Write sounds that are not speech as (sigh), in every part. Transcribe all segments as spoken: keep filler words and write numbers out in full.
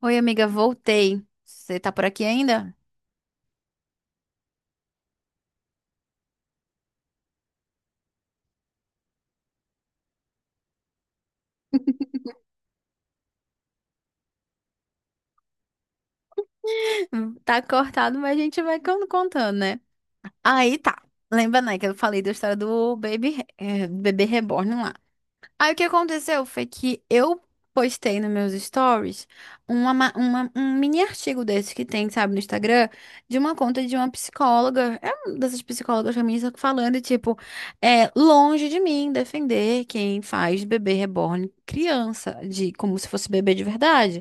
Oi, amiga, voltei. Você tá por aqui ainda? (laughs) Tá cortado, mas a gente vai con- contando, né? Aí tá. Lembra, né, que eu falei da história do Baby, eh, bebê reborn lá. Aí o que aconteceu foi que eu postei nos meus stories uma, ma- uma- um mini artigo desse que tem, sabe, no Instagram, de uma conta de uma psicóloga, é uma dessas psicólogas feministas falando, tipo, é longe de mim defender quem faz bebê reborn criança, de como se fosse bebê de verdade.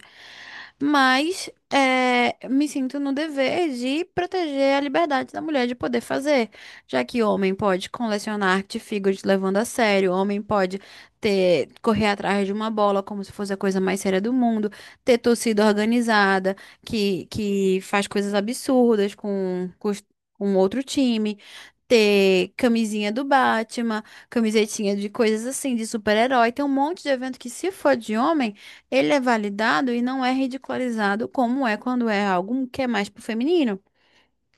Mas é, me sinto no dever de proteger a liberdade da mulher de poder fazer, já que homem pode colecionar artigos levando a sério, homem pode ter, correr atrás de uma bola como se fosse a coisa mais séria do mundo, ter torcida organizada que, que faz coisas absurdas com, com os- com outro time, ter camisinha do Batman, camisetinha de coisas assim, de super-herói. Tem um monte de evento que, se for de homem, ele é validado e não é ridicularizado como é quando é algo que é mais pro feminino.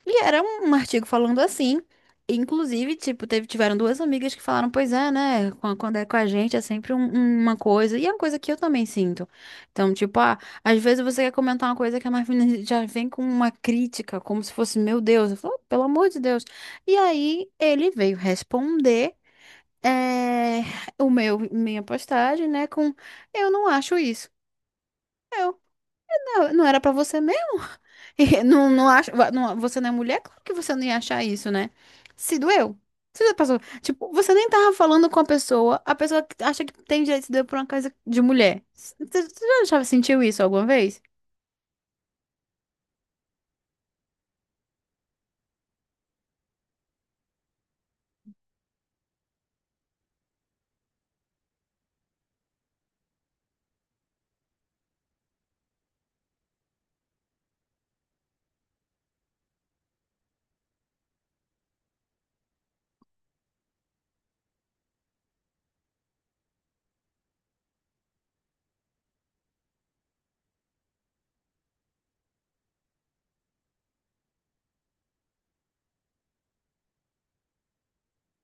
E era um um artigo falando assim. Inclusive, tipo, teve, tiveram duas amigas que falaram, pois é, né? quan- Quando é com a gente é sempre um- um, uma coisa. E é uma coisa que eu também sinto. Então, tipo, ah, às vezes você quer comentar uma coisa que a Marvin (laughs) já vem com uma crítica, como se fosse, meu Deus. Eu falo, "Oh, pelo amor de Deus." E aí ele veio responder eh, o meu, minha postagem, né? Com, eu não acho isso. "Ah, não era pra você mesmo?" (laughs) E não, não acha, va- não- você não é mulher? Claro que você não ia achar isso, né? Se doeu. Você já passou. Tipo, você nem tava falando com a pessoa, a pessoa que acha que tem direito de se doer por uma coisa de mulher. Você você já achava- sentiu isso alguma vez?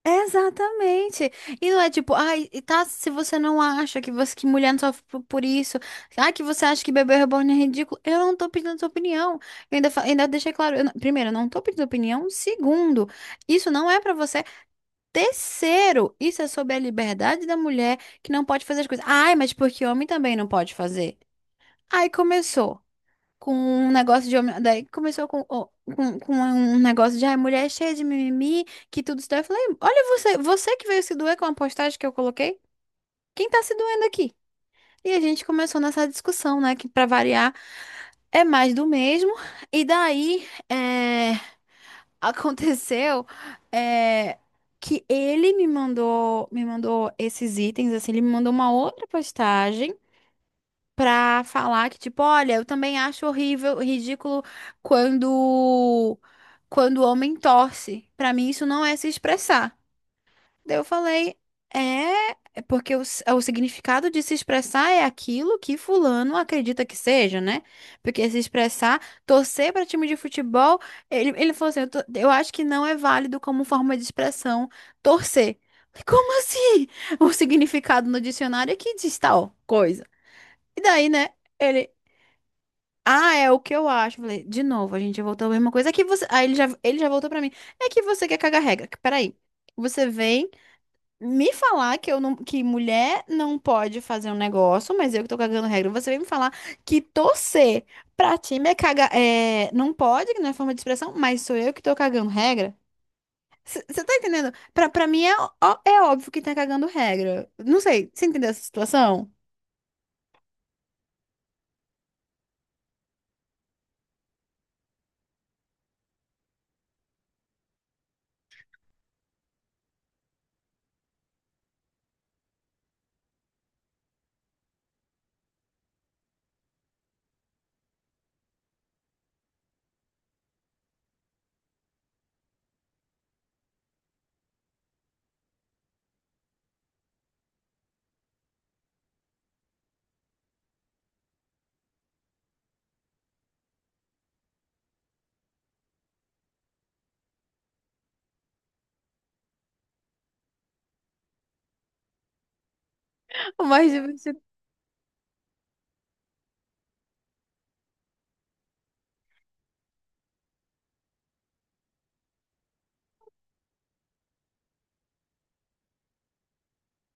Exatamente. E não é tipo, ai, e tá, se você não acha que você que mulher não sofre por, por isso, ai, que você acha que bebê reborn é ridículo, eu não tô pedindo sua opinião. Eu ainda, fa- ainda deixei claro, eu não- primeiro, eu não tô pedindo opinião. Segundo, isso não é pra você. Terceiro, isso é sobre a liberdade da mulher que não pode fazer as coisas. Ai, mas porque homem também não pode fazer. Aí começou com um negócio de homem. Daí começou com, o- com, com um negócio de ai, mulher é cheia de mimimi, que tudo isso. Daí eu falei, olha você, você que veio se doer com a postagem que eu coloquei, quem tá se doendo aqui? E a gente começou nessa discussão, né? Que pra variar é mais do mesmo. E daí, é, aconteceu, é, que ele me mandou, me mandou esses itens, assim, ele me mandou uma outra postagem pra falar que, tipo, olha, eu também acho horrível, ridículo quando quando o homem torce. Pra mim, isso não é se expressar. Daí eu falei, é, é porque o, s- o significado de se expressar é aquilo que fulano acredita que seja, né? Porque se expressar, torcer para time de futebol, ele, ele falou assim, eu, tô- eu acho que não é válido como forma de expressão torcer. Falei, como assim? O significado no dicionário é que diz tal coisa. E daí, né, ele... Ah, é o que eu acho. Eu falei, de novo, a gente voltou a mesma coisa. É que você... Aí ele já, ele já voltou pra mim. É que você quer cagar regra. Peraí. Você vem me falar que eu não, que mulher não pode fazer um negócio, mas eu que tô cagando regra. Você vem me falar que torcer pra time é cagar, é, não pode, que não é forma de expressão, mas sou eu que tô cagando regra? Você tá entendendo? Pra, pra mim é, ó- é óbvio que tá cagando regra. Não sei, você entendeu essa situação? (laughs) Mas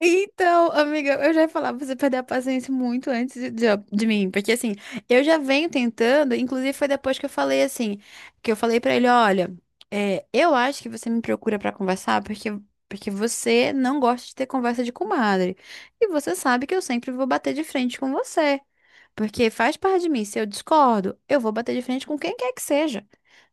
então, amiga, eu já ia falar pra você perder a paciência muito antes de, de- de mim, porque assim, eu já venho tentando, inclusive foi depois que eu falei assim, que eu falei pra ele, olha, é, eu acho que você me procura pra conversar porque porque você não gosta de ter conversa de comadre. E você sabe que eu sempre vou bater de frente com você, porque faz parte de mim, se eu discordo, eu vou bater de frente com quem quer que seja.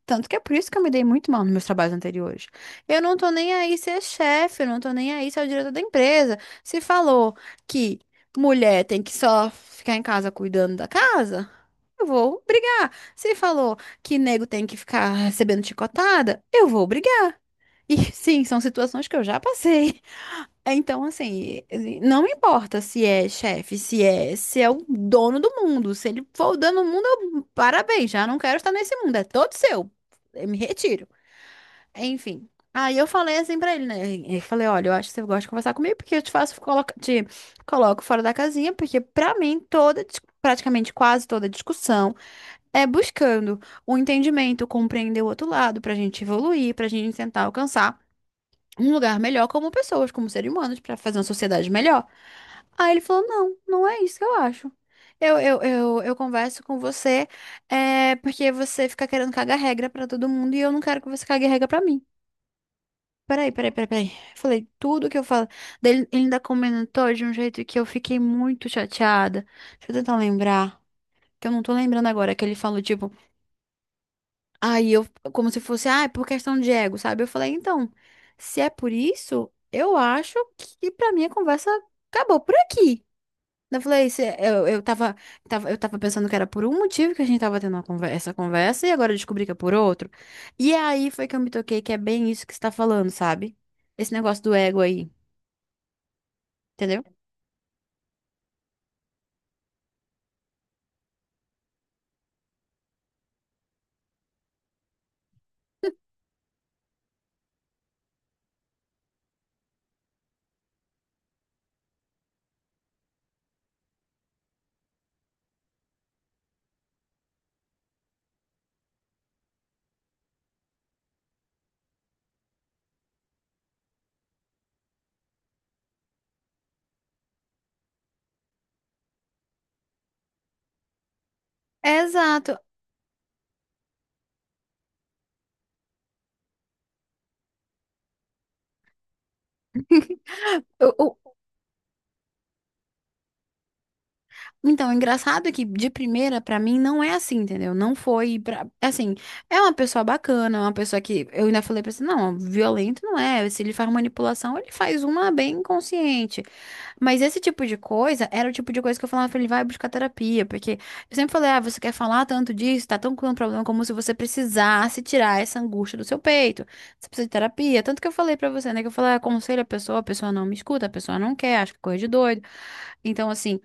Tanto que é por isso que eu me dei muito mal nos meus trabalhos anteriores. Eu não tô nem aí se é chefe, eu não tô nem aí se é o diretor da empresa. Se falou que mulher tem que só ficar em casa cuidando da casa, eu vou brigar. Se falou que nego tem que ficar recebendo chicotada, eu vou brigar. E (laughs) sim, são situações que eu já passei. É, então, assim, não importa se é chefe, se é, se é o dono do mundo, se ele for o dono do mundo, eu- parabéns, já não quero estar nesse mundo, é todo seu. Eu me retiro. Enfim. Aí eu falei assim pra ele, né? Eu falei, olha, eu acho que você gosta de conversar comigo, porque eu te faço, coloca, te coloco fora da casinha, porque pra mim toda, dis- praticamente quase toda discussão é buscando o entendimento, compreender o outro lado, pra gente evoluir, pra gente tentar alcançar um lugar melhor como pessoas, como seres humanos, pra fazer uma sociedade melhor. Aí ele falou: não, não é isso que eu acho. Eu, eu, eu, eu converso com você é, porque você fica querendo cagar regra pra todo mundo e eu não quero que você cague regra pra mim. Peraí, peraí, peraí, peraí. Eu falei tudo que eu falo. Daí ele ele ainda comentou de um jeito que eu fiquei muito chateada. Deixa eu tentar lembrar, que eu não tô lembrando agora, que ele falou, tipo. Aí eu, como se fosse, ah, é por questão de ego, sabe? Eu falei, então, se é por isso, eu acho que pra mim a conversa acabou por aqui. Eu falei, se- eu, eu tava, tava- eu tava pensando que era por um motivo que a gente tava tendo uma conver- essa conversa e agora eu descobri que é por outro. E aí foi que eu me toquei que é bem isso que você tá falando, sabe? Esse negócio do ego aí, entendeu? Exato. O, Então, o engraçado é que de primeira, pra mim, não é assim, entendeu? Não foi pra... Assim, é uma pessoa bacana, é uma pessoa que... Eu ainda falei pra você, não, violento não é. Se ele faz manipulação, ele faz uma bem consciente. Mas esse tipo de coisa era o tipo de coisa que eu falava pra ele, vai buscar terapia. Porque eu sempre falei, ah, você quer falar tanto disso, tá tão com um problema como se você precisasse tirar essa angústia do seu peito. Você precisa de terapia. Tanto que eu falei pra você, né? Que eu falei, "Ah, aconselho a pessoa, a pessoa não me escuta, a pessoa não quer, acha que é coisa de doido." Então, assim,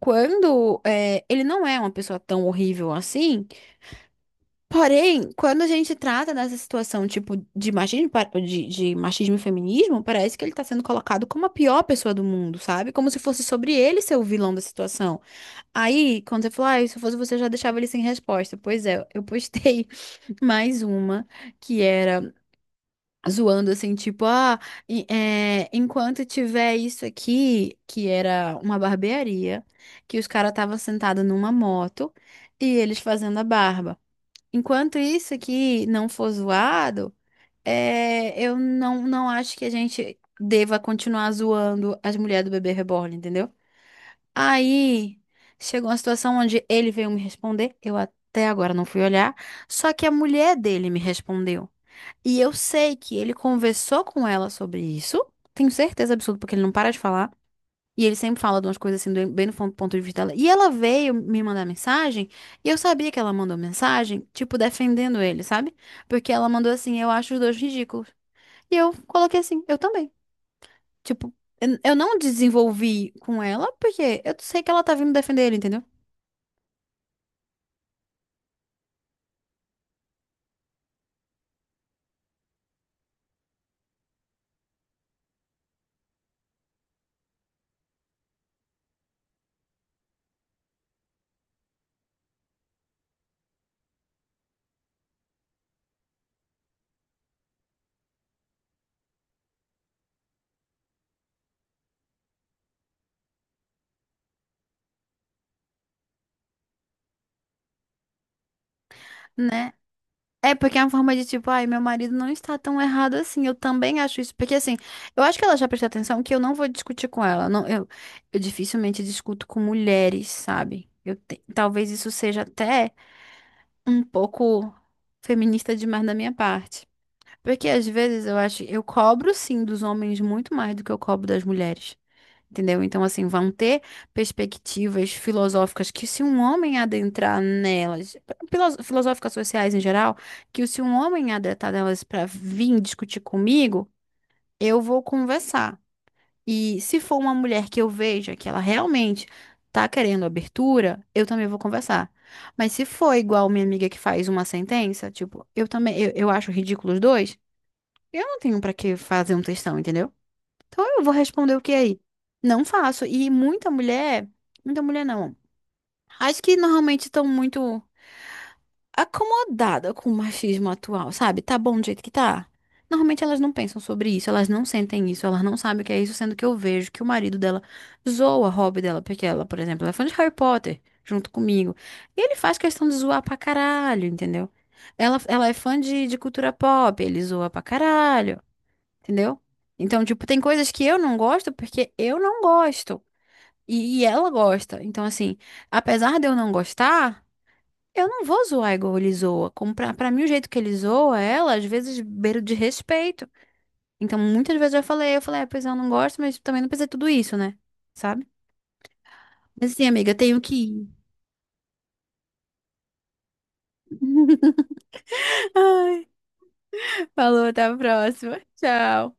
quando eh, ele não é uma pessoa tão horrível assim, porém, quando a gente trata dessa situação, tipo, de machismo, pa- de, de machismo e feminismo, parece que ele tá sendo colocado como a pior pessoa do mundo, sabe? Como se fosse sobre ele ser o vilão da situação. Aí, quando você falou, ah, se eu fosse você, eu já deixava ele sem resposta. Pois é, eu postei (laughs) mais uma, que era zoando assim, tipo, ah, e- é, enquanto tiver isso aqui, que era uma barbearia, que os caras estavam sentados numa moto e eles fazendo a barba. Enquanto isso aqui não for zoado, é, eu não, não acho que a gente deva continuar zoando as mulheres do bebê reborn, entendeu? Aí chegou uma situação onde ele veio me responder, eu até agora não fui olhar, só que a mulher dele me respondeu. E eu sei que ele conversou com ela sobre isso. Tenho certeza absoluta, porque ele não para de falar. E ele sempre fala de umas coisas assim, do- bem no fon- ponto de vista dela. E ela veio me mandar mensagem. E eu sabia que ela mandou mensagem, tipo, defendendo ele, sabe? Porque ela mandou assim: eu acho os dois ridículos. E eu coloquei assim: eu também. Tipo, eu eu não desenvolvi com ela, porque eu sei que ela tá vindo defender ele, entendeu? Né? É porque é uma forma de tipo, ai, meu marido não está tão errado assim. Eu também acho isso. Porque assim, eu acho que ela já prestou atenção que eu não vou discutir com ela. Não, eu, eu dificilmente discuto com mulheres, sabe? Eu te- talvez isso seja até um pouco feminista demais da minha parte. Porque às vezes eu acho, eu cobro sim dos homens muito mais do que eu cobro das mulheres. Entendeu? Então, assim, vão ter perspectivas filosóficas que, se um homem adentrar nelas, filos- filosóficas sociais em geral, que se um homem adentrar nelas para vir discutir comigo, eu vou conversar. E se for uma mulher que eu veja que ela realmente tá querendo abertura, eu também vou conversar. Mas se for igual minha amiga que faz uma sentença, tipo, eu também, eu, eu acho ridículo os dois, eu não tenho pra que fazer um textão, entendeu? Então eu vou responder o que é aí? Não faço. E muita mulher, muita mulher não. Acho que normalmente estão muito acomodada com o machismo atual, sabe? Tá bom do jeito que tá. Normalmente elas não pensam sobre isso, elas não sentem isso, elas não sabem o que é isso, sendo que eu vejo que o marido dela zoa a hobby dela, porque ela, por exemplo, ela é fã de Harry Potter, junto comigo. E ele faz questão de zoar pra caralho, entendeu? Ela, ela é fã de, de cultura pop, ele zoa pra caralho. Entendeu? Então, tipo, tem coisas que eu não gosto porque eu não gosto. E, e ela gosta. Então, assim, apesar de eu não gostar, eu não vou zoar igual ele zoa. Como pra, pra mim, o jeito que ele zoa, ela, às vezes, beira de respeito. Então, muitas vezes eu falei, eu falei, é, pois eu não gosto, mas também não precisa de tudo isso, né? Sabe? Mas assim, amiga, eu tenho que ir. (laughs) Ai, falou, até a próxima. Tchau.